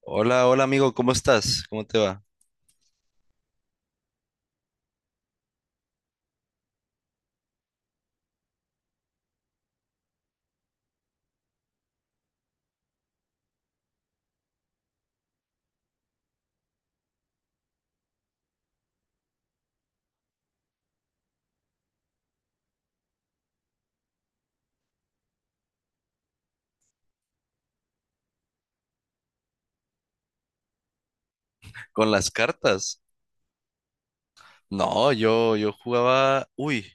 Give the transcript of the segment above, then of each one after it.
Hola, hola amigo, ¿cómo estás? ¿Cómo te va? ¿Con las cartas? No, yo jugaba, uy,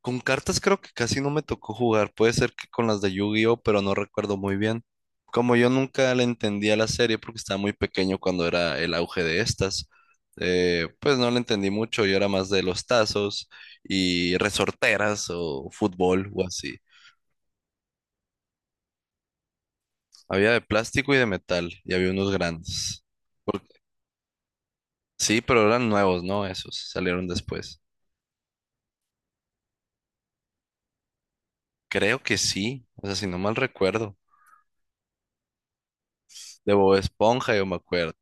con cartas creo que casi no me tocó jugar, puede ser que con las de Yu-Gi-Oh, pero no recuerdo muy bien. Como yo nunca le entendía la serie porque estaba muy pequeño cuando era el auge de estas, pues no le entendí mucho, yo era más de los tazos y resorteras o fútbol o así. Había de plástico y de metal y había unos grandes. Por- Sí, pero eran nuevos, ¿no? Esos salieron después. Creo que sí, o sea, si no mal recuerdo. De Bob Esponja, yo me acuerdo.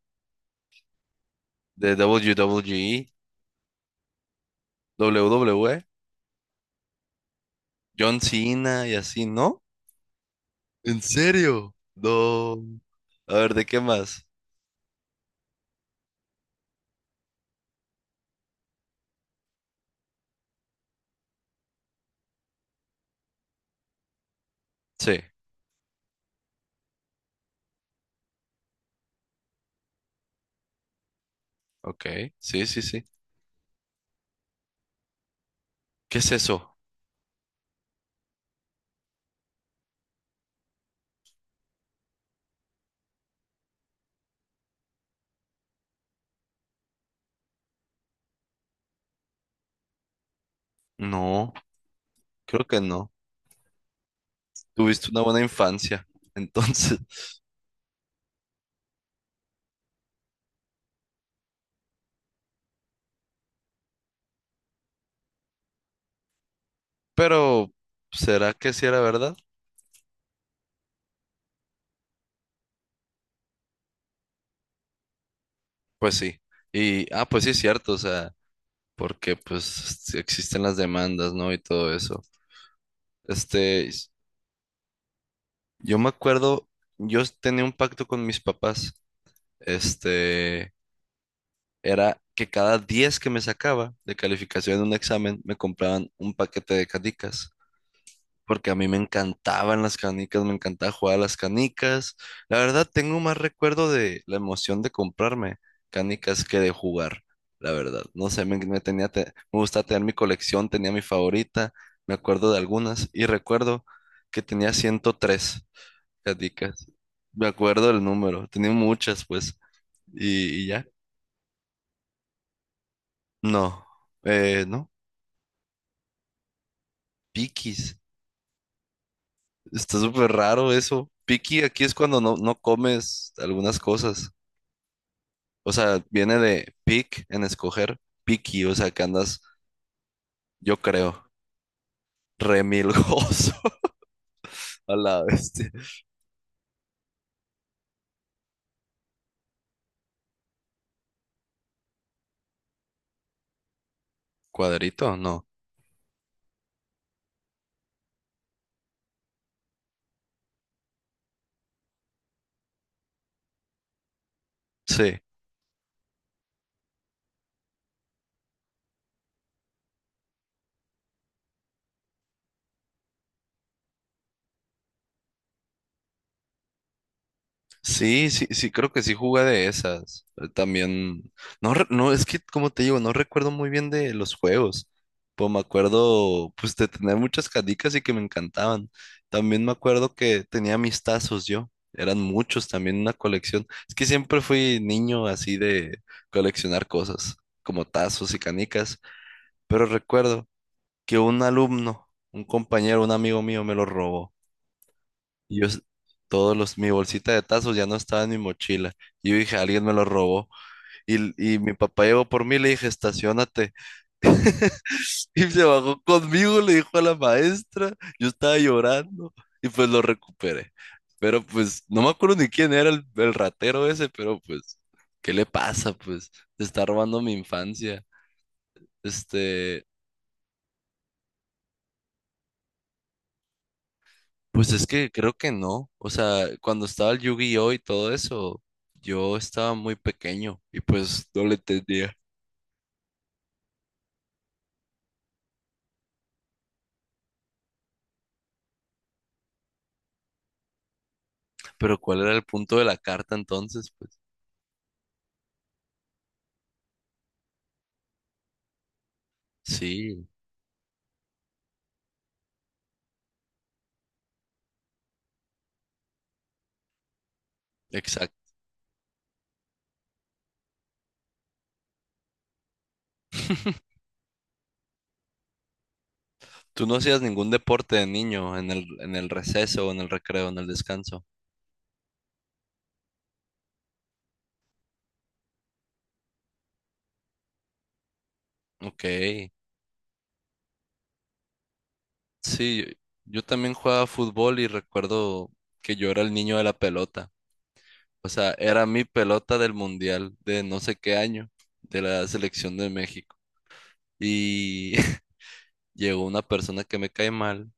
De w WWE, John Cena y así, ¿no? ¿En serio? No. A ver, ¿de qué más? Sí, ok, sí, sí, sí. ¿Qué es eso? No, creo que no. Tuviste una buena infancia, entonces. Pero, ¿será que sí era verdad? Pues sí. Y, ah, pues sí es cierto, o sea, porque pues existen las demandas, ¿no? Y todo eso. Este, yo me acuerdo, yo tenía un pacto con mis papás. Este, era que cada 10 que me sacaba de calificación en un examen, me compraban un paquete de canicas. Porque a mí me encantaban las canicas, me encantaba jugar a las canicas. La verdad, tengo más recuerdo de la emoción de comprarme canicas que de jugar. La verdad, no sé, me tenía, me gustaba tener mi colección, tenía mi favorita, me acuerdo de algunas y recuerdo que tenía 103. Caticas. Me acuerdo del número. Tenía muchas, pues. Y ya. No. No. Piquis. Está súper raro eso. Piqui aquí es cuando no, no comes algunas cosas. O sea, viene de pick en escoger. Piqui, o sea, que andas, yo creo, remilgoso a la bestia. ¿Cuadrito? No. Sí. Sí, sí, sí, creo que sí jugué de esas. También, no, es que como te digo, no recuerdo muy bien de los juegos. Pues me acuerdo pues de tener muchas canicas y que me encantaban. También me acuerdo que tenía mis tazos yo, eran muchos también, una colección. Es que siempre fui niño así de coleccionar cosas, como tazos y canicas, pero recuerdo que un alumno, un compañero, un amigo mío me lo robó. Y yo, todos los, mi bolsita de tazos ya no estaba en mi mochila. Y yo dije, alguien me lo robó. Y, y mi papá llegó por mí, y le dije, estacionate. Y se bajó conmigo, le dijo a la maestra. Yo estaba llorando y pues lo recuperé. Pero pues no me acuerdo ni quién era el ratero ese, pero pues, ¿qué le pasa? Pues se está robando mi infancia. Este, pues es que creo que no. O sea, cuando estaba el Yu-Gi-Oh y todo eso, yo estaba muy pequeño y pues no le entendía. Pero ¿cuál era el punto de la carta entonces? Pues sí, exacto. Tú no hacías ningún deporte de niño en el receso, en el recreo, en el descanso. Ok. Sí, yo también jugaba fútbol y recuerdo que yo era el niño de la pelota. O sea, era mi pelota del mundial de no sé qué año, de la selección de México. Y llegó una persona que me cae mal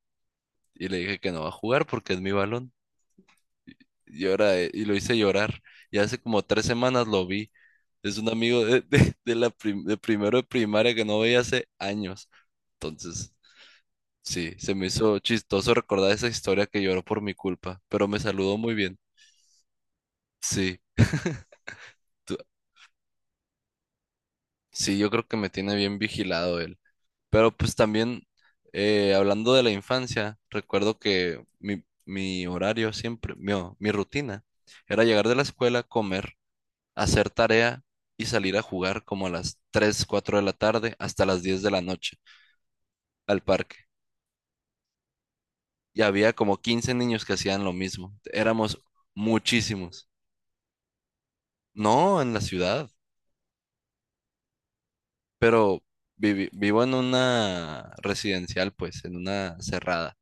y le dije que no va a jugar porque es mi balón. Llora y lo hice llorar. Y hace como 3 semanas lo vi. Es un amigo de primero de primaria que no veía hace años. Entonces, sí, se me hizo chistoso recordar esa historia que lloró por mi culpa, pero me saludó muy bien. Sí, tú- sí, yo creo que me tiene bien vigilado él. Pero pues también, hablando de la infancia, recuerdo que mi horario siempre, mi rutina, era llegar de la escuela, comer, hacer tarea y salir a jugar como a las 3 4 de la tarde hasta las 10 de la noche al parque. Y había como 15 niños que hacían lo mismo. Éramos muchísimos. No en la ciudad, pero vivo en una residencial, pues, en una cerrada.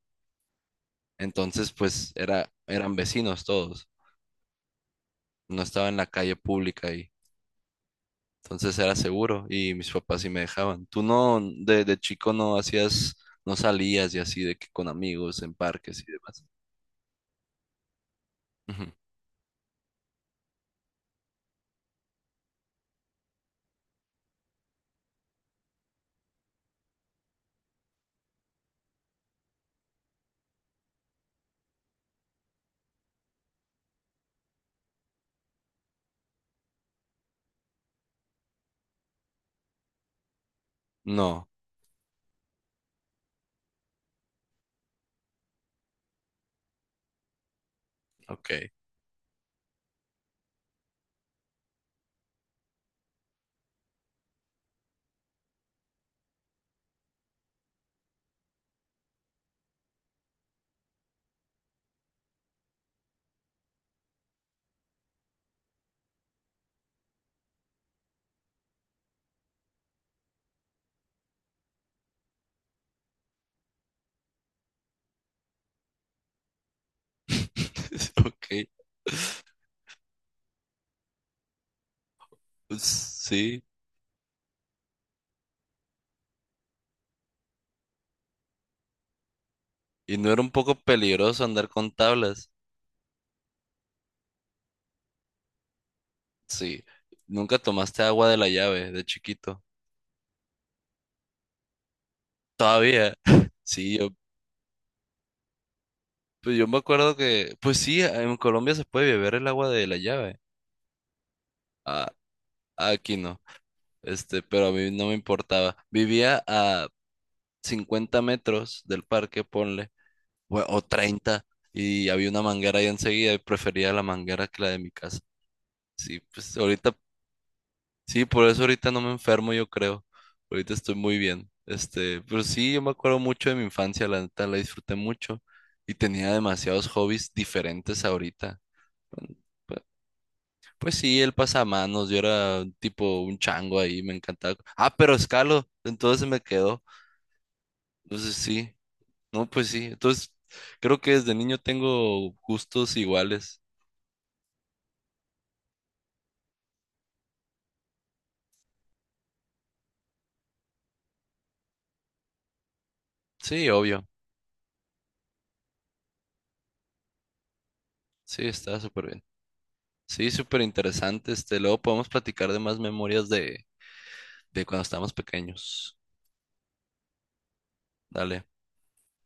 Entonces, pues, era, eran vecinos todos. No estaba en la calle pública. Entonces era seguro y mis papás sí me dejaban. Tú no, de chico no hacías, no salías y así de que con amigos en parques y demás. Ujú. No, ok. Ok. Pues, sí. Y no era un poco peligroso andar con tablas. Sí. Nunca tomaste agua de la llave de chiquito. Todavía. Sí, yo, pues yo me acuerdo que, pues sí, en Colombia se puede beber el agua de la llave. Ah, aquí no. Este, pero a mí no me importaba. Vivía a 50 metros del parque, ponle, o 30, y había una manguera ahí enseguida y prefería la manguera que la de mi casa. Sí, pues ahorita, sí, por eso ahorita no me enfermo, yo creo. Ahorita estoy muy bien. Este, pero sí, yo me acuerdo mucho de mi infancia, la neta, la disfruté mucho y tenía demasiados hobbies diferentes ahorita. Bueno, Pues pues sí, el pasamanos, yo era tipo un chango ahí, me encantaba. Ah, pero escalo, entonces se me quedó. Entonces sí, no, pues sí. Entonces creo que desde niño tengo gustos iguales. Sí, obvio. Sí, está súper bien. Sí, súper interesante. Este, luego podemos platicar de más memorias de cuando estábamos pequeños. Dale.